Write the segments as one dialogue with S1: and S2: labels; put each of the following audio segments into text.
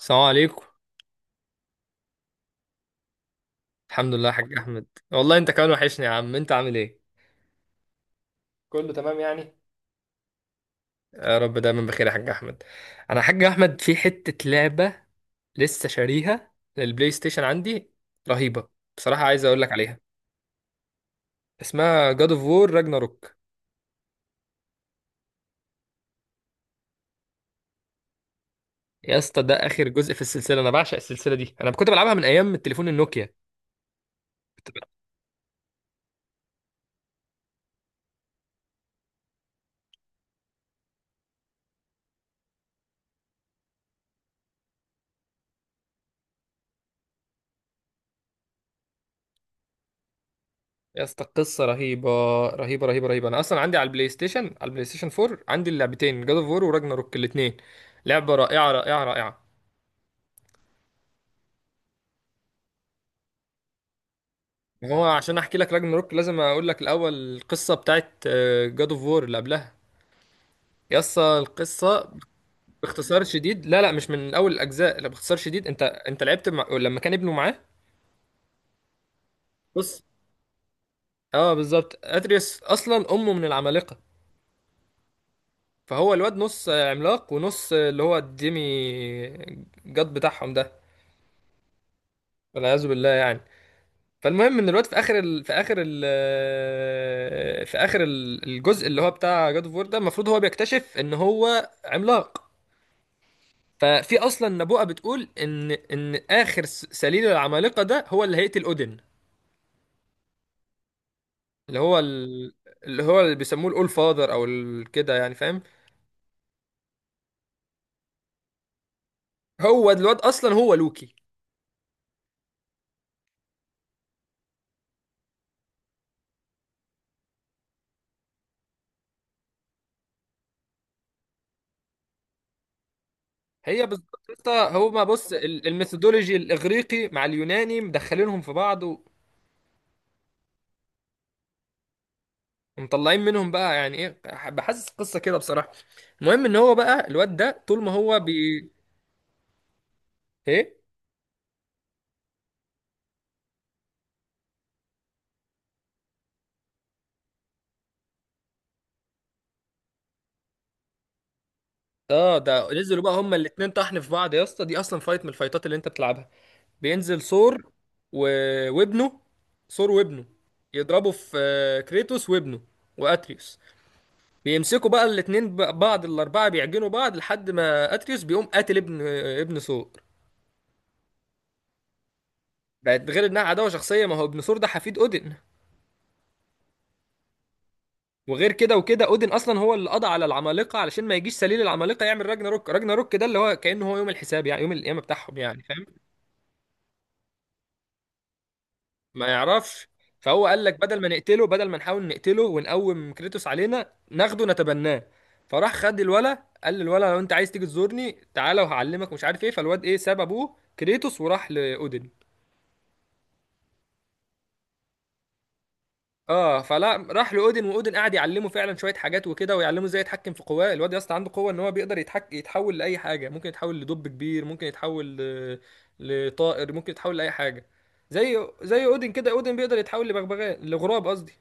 S1: السلام عليكم. الحمد لله يا حاج احمد. والله انت كمان وحشني يا عم، انت عامل ايه؟ كله تمام يعني. يا رب دايما بخير يا حاج احمد. انا يا حاج احمد في حتة لعبة لسه شاريها للبلاي ستيشن عندي، رهيبة بصراحة، عايز اقول لك عليها. اسمها جاد اوف وور راجناروك. يا اسطى ده اخر جزء في السلسلة، انا بعشق السلسلة دي، انا كنت بلعبها من ايام التليفون النوكيا. كنت بلعب- يا اسطى قصة رهيبة رهيبة رهيبة رهيبة. انا اصلا عندي على البلاي ستيشن 4، عندي اللعبتين جاد اوف وور وراجناروك الاتنين. لعبة رائعة رائعة رائعة. ما هو عشان احكي لك راجناروك لازم اقول لك الاول القصه بتاعت جاد اوف وور اللي قبلها. يسا القصه. باختصار شديد، لا لا مش من اول الاجزاء، لا باختصار شديد، انت لعبت لما كان ابنه معاه. بص، اه بالظبط، ادريس اصلا امه من العمالقه، فهو الواد نص عملاق ونص اللي هو الديمي جاد بتاعهم ده، والعياذ بالله يعني. فالمهم ان الواد في الجزء اللي هو بتاع جاد اوف وور ده، المفروض هو بيكتشف ان هو عملاق. ففي اصلا نبوءه بتقول ان اخر سليل العمالقه ده هو اللي هيقتل اودن، اللي هو ال... اللي هو اللي بيسموه الاول فاذر او كده، يعني فاهم. هو الواد اصلا هو لوكي. هي بالظبط. هو ما بص الميثودولوجي الاغريقي مع اليوناني مدخلينهم في بعض ومطلعين منهم بقى يعني ايه. بحسس قصه كده بصراحه. المهم ان هو بقى الواد ده طول ما هو بي. ايه؟ اه ده نزلوا بقى هما الاتنين طحن في بعض، يا اسطى دي اصلا فايت من الفايتات اللي انت بتلعبها. بينزل ثور و... وابنه، ثور وابنه، يضربوا في كريتوس وابنه واتريوس. بيمسكوا بقى الاتنين بعض، الاربعه بيعجنوا بعض لحد ما اتريوس بيقوم قاتل ابن ابن ثور. بقت غير انها عداوه شخصيه، ما هو ابن ثور ده حفيد اودن. وغير كده وكده اودن اصلا هو اللي قضى على العمالقه علشان ما يجيش سليل العمالقه يعمل راجنا روك. راجنا روك ده اللي هو كانه هو يوم الحساب يعني، يوم القيامه بتاعهم يعني. ما يعرفش. فهو قال لك بدل ما نقتله، بدل ما نحاول نقتله ونقوم كريتوس علينا، ناخده نتبناه. فراح خد الولا، قال للولا لو انت عايز تيجي تزورني تعالى وهعلمك مش عارف ايه. فالواد ايه، ساب ابوه كريتوس وراح لاودن. اه فلا راح لاودن واودن قعد يعلمه فعلا شويه حاجات وكده، ويعلمه ازاي يتحكم في قواه. الواد يا اسطى عنده قوه ان هو بيقدر يتحول لاي حاجه، ممكن يتحول لدب كبير، ممكن يتحول لطائر، ممكن يتحول لاي حاجه. زي زي اودن كده، اودن بيقدر يتحول لبغبغاء، لغراب قصدي.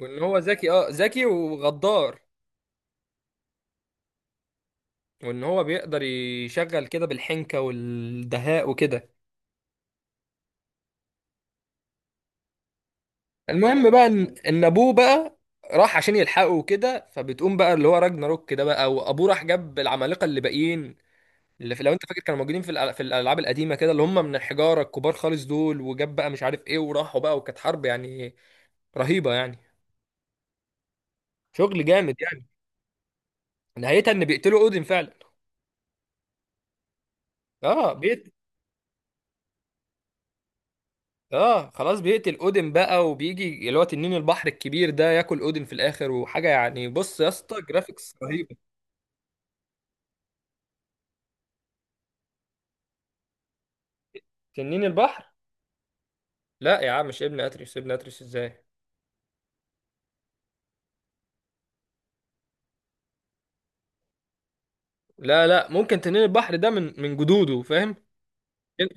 S1: وان هو ذكي، اه ذكي وغدار، وان هو بيقدر يشغل كده بالحنكة والدهاء وكده. المهم بقى ان إن ابوه بقى راح عشان يلحقه وكده، فبتقوم بقى اللي هو راجناروك كده بقى. وابوه راح جاب العمالقة اللي باقيين، اللي في لو انت فاكر كانوا موجودين في الالعاب القديمة كده، اللي هم من الحجارة الكبار خالص دول، وجاب بقى مش عارف ايه، وراحوا بقى، وكانت حرب يعني، رهيبة يعني، شغل جامد يعني. نهايتها ان بيقتلوا اودين فعلا. اه. اه خلاص بيقتل اودن بقى، وبيجي اللي هو تنين البحر الكبير ده ياكل اودن في الاخر وحاجه يعني. بص يا اسطى، جرافيكس رهيبه. تنين البحر؟ لا يا عم مش ابن اتريس، ابن اتريس ازاي؟ لا لا، ممكن تنين البحر ده من جدوده، فاهم. لان،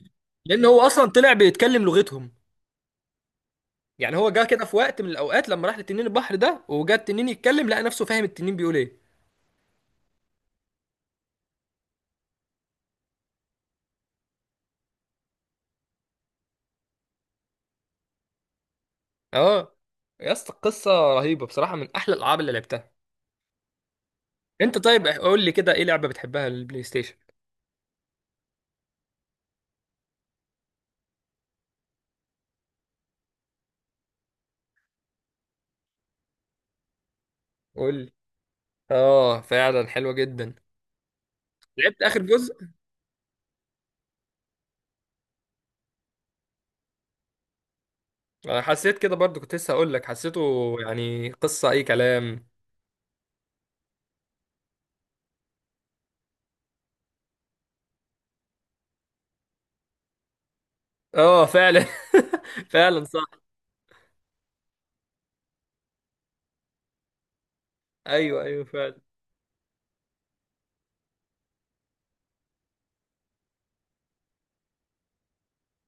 S1: لأن هو اصلا طلع بيتكلم لغتهم. يعني هو جه كده في وقت من الاوقات لما راح لتنين البحر ده، وجا التنين يتكلم لقى نفسه فاهم التنين بيقول ايه. اه. يا اسطى القصه رهيبه بصراحه، من احلى الالعاب اللي لعبتها. انت طيب قول لي كده ايه لعبه بتحبها للبلاي ستيشن؟ قول لي. اه فعلا حلوة جدا. لعبت اخر جزء. انا حسيت كده برضو، كنت لسه هقول لك حسيته. يعني قصة اي كلام. اه فعلا. فعلا صح. ايوه ايوه فعلا.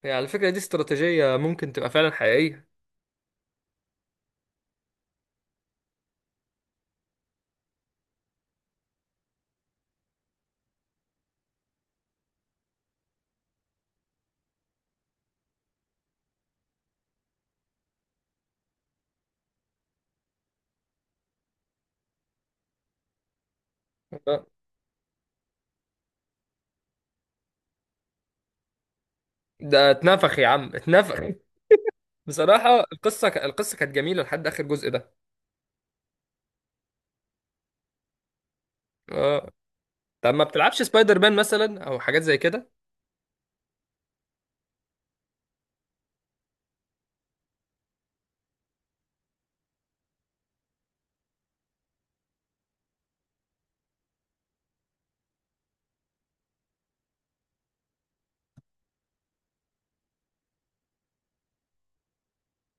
S1: يعني على فكرة دي استراتيجية ممكن تبقى فعلا حقيقية. آه. ده اتنفخ يا عم، اتنفخ. بصراحة القصة كانت جميلة لحد اخر جزء ده. اه. طب ما بتلعبش سبايدر مان مثلا او حاجات زي كده؟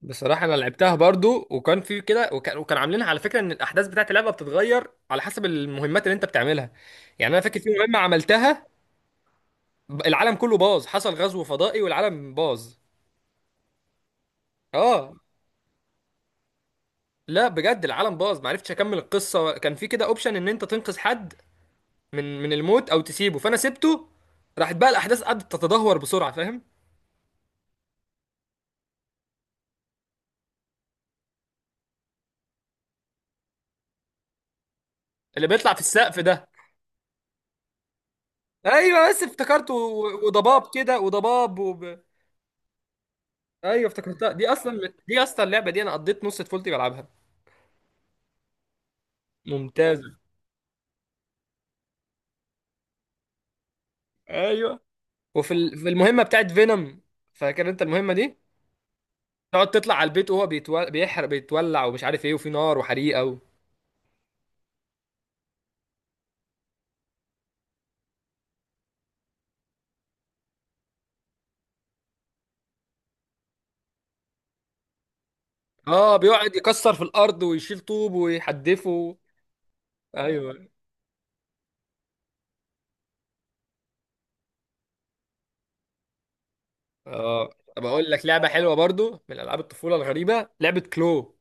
S1: بصراحة أنا لعبتها برضو، وكان في كده، وكان عاملينها على فكرة إن الأحداث بتاعت اللعبة بتتغير على حسب المهمات اللي أنت بتعملها. يعني أنا فاكر في مهمة عملتها، العالم كله باظ، حصل غزو فضائي والعالم باظ. آه. لا بجد العالم باظ، معرفتش أكمل القصة. كان في كده أوبشن إن أنت تنقذ حد من الموت أو تسيبه، فأنا سبته. راحت بقى الأحداث قعدت تتدهور بسرعة، فاهم. اللي بيطلع في السقف ده؟ أيوه بس افتكرته، وضباب كده وضباب. ايوه افتكرتها، دي اصلا اللعبه دي انا قضيت نص طفولتي بلعبها. ممتازة. ايوه. وفي في المهمه بتاعت فينوم، فاكر انت المهمه دي؟ تقعد تطلع على البيت وهو بيحرق، بيتولع ومش عارف ايه، وفي نار وحريقه اه بيقعد يكسر في الارض ويشيل طوب ويحدفه. ايوه. اه. طب اقول لك لعبه حلوه برضو، من العاب الطفوله الغريبه، لعبه كلو.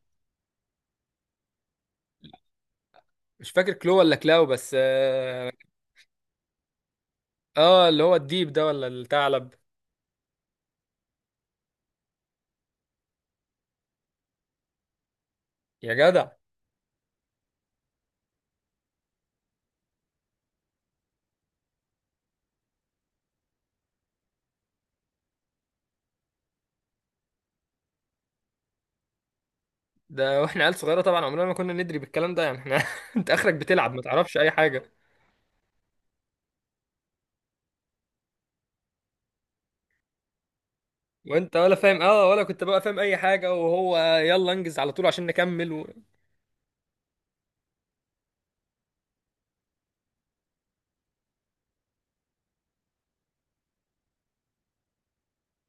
S1: مش فاكر كلو ولا كلاو، بس اه، اللي هو الديب ده ولا الثعلب. يا جدع، ده واحنا عيال صغيره طبعا عمرنا ما كنا ندري بالكلام ده يعني، احنا انت اخرك بتلعب ما تعرفش اي حاجه. وانت ولا فاهم، اه ولا كنت بقى فاهم اي حاجه، وهو يلا انجز على طول عشان نكمل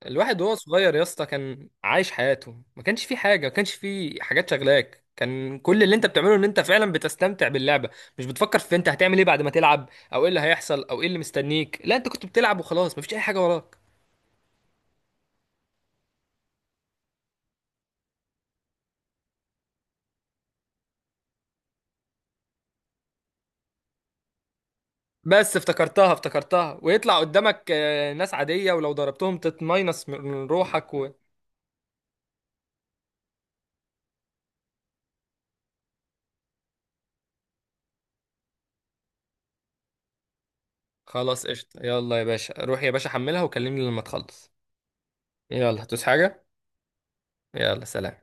S1: الواحد وهو صغير يا اسطى كان عايش حياته، ما كانش فيه حاجه، ما كانش فيه حاجات شغلاك، كان كل اللي انت بتعمله ان انت فعلا بتستمتع باللعبه. مش بتفكر في انت هتعمل ايه بعد ما تلعب، او ايه اللي هيحصل، او ايه اللي مستنيك، لا انت كنت بتلعب وخلاص، مفيش اي حاجه وراك. بس افتكرتها ويطلع قدامك ناس عادية، ولو ضربتهم تتماينص من روحك. خلاص قشطة، يلا يا باشا روح يا باشا حملها وكلمني لما تخلص. يلا هتوس حاجة. يلا سلام.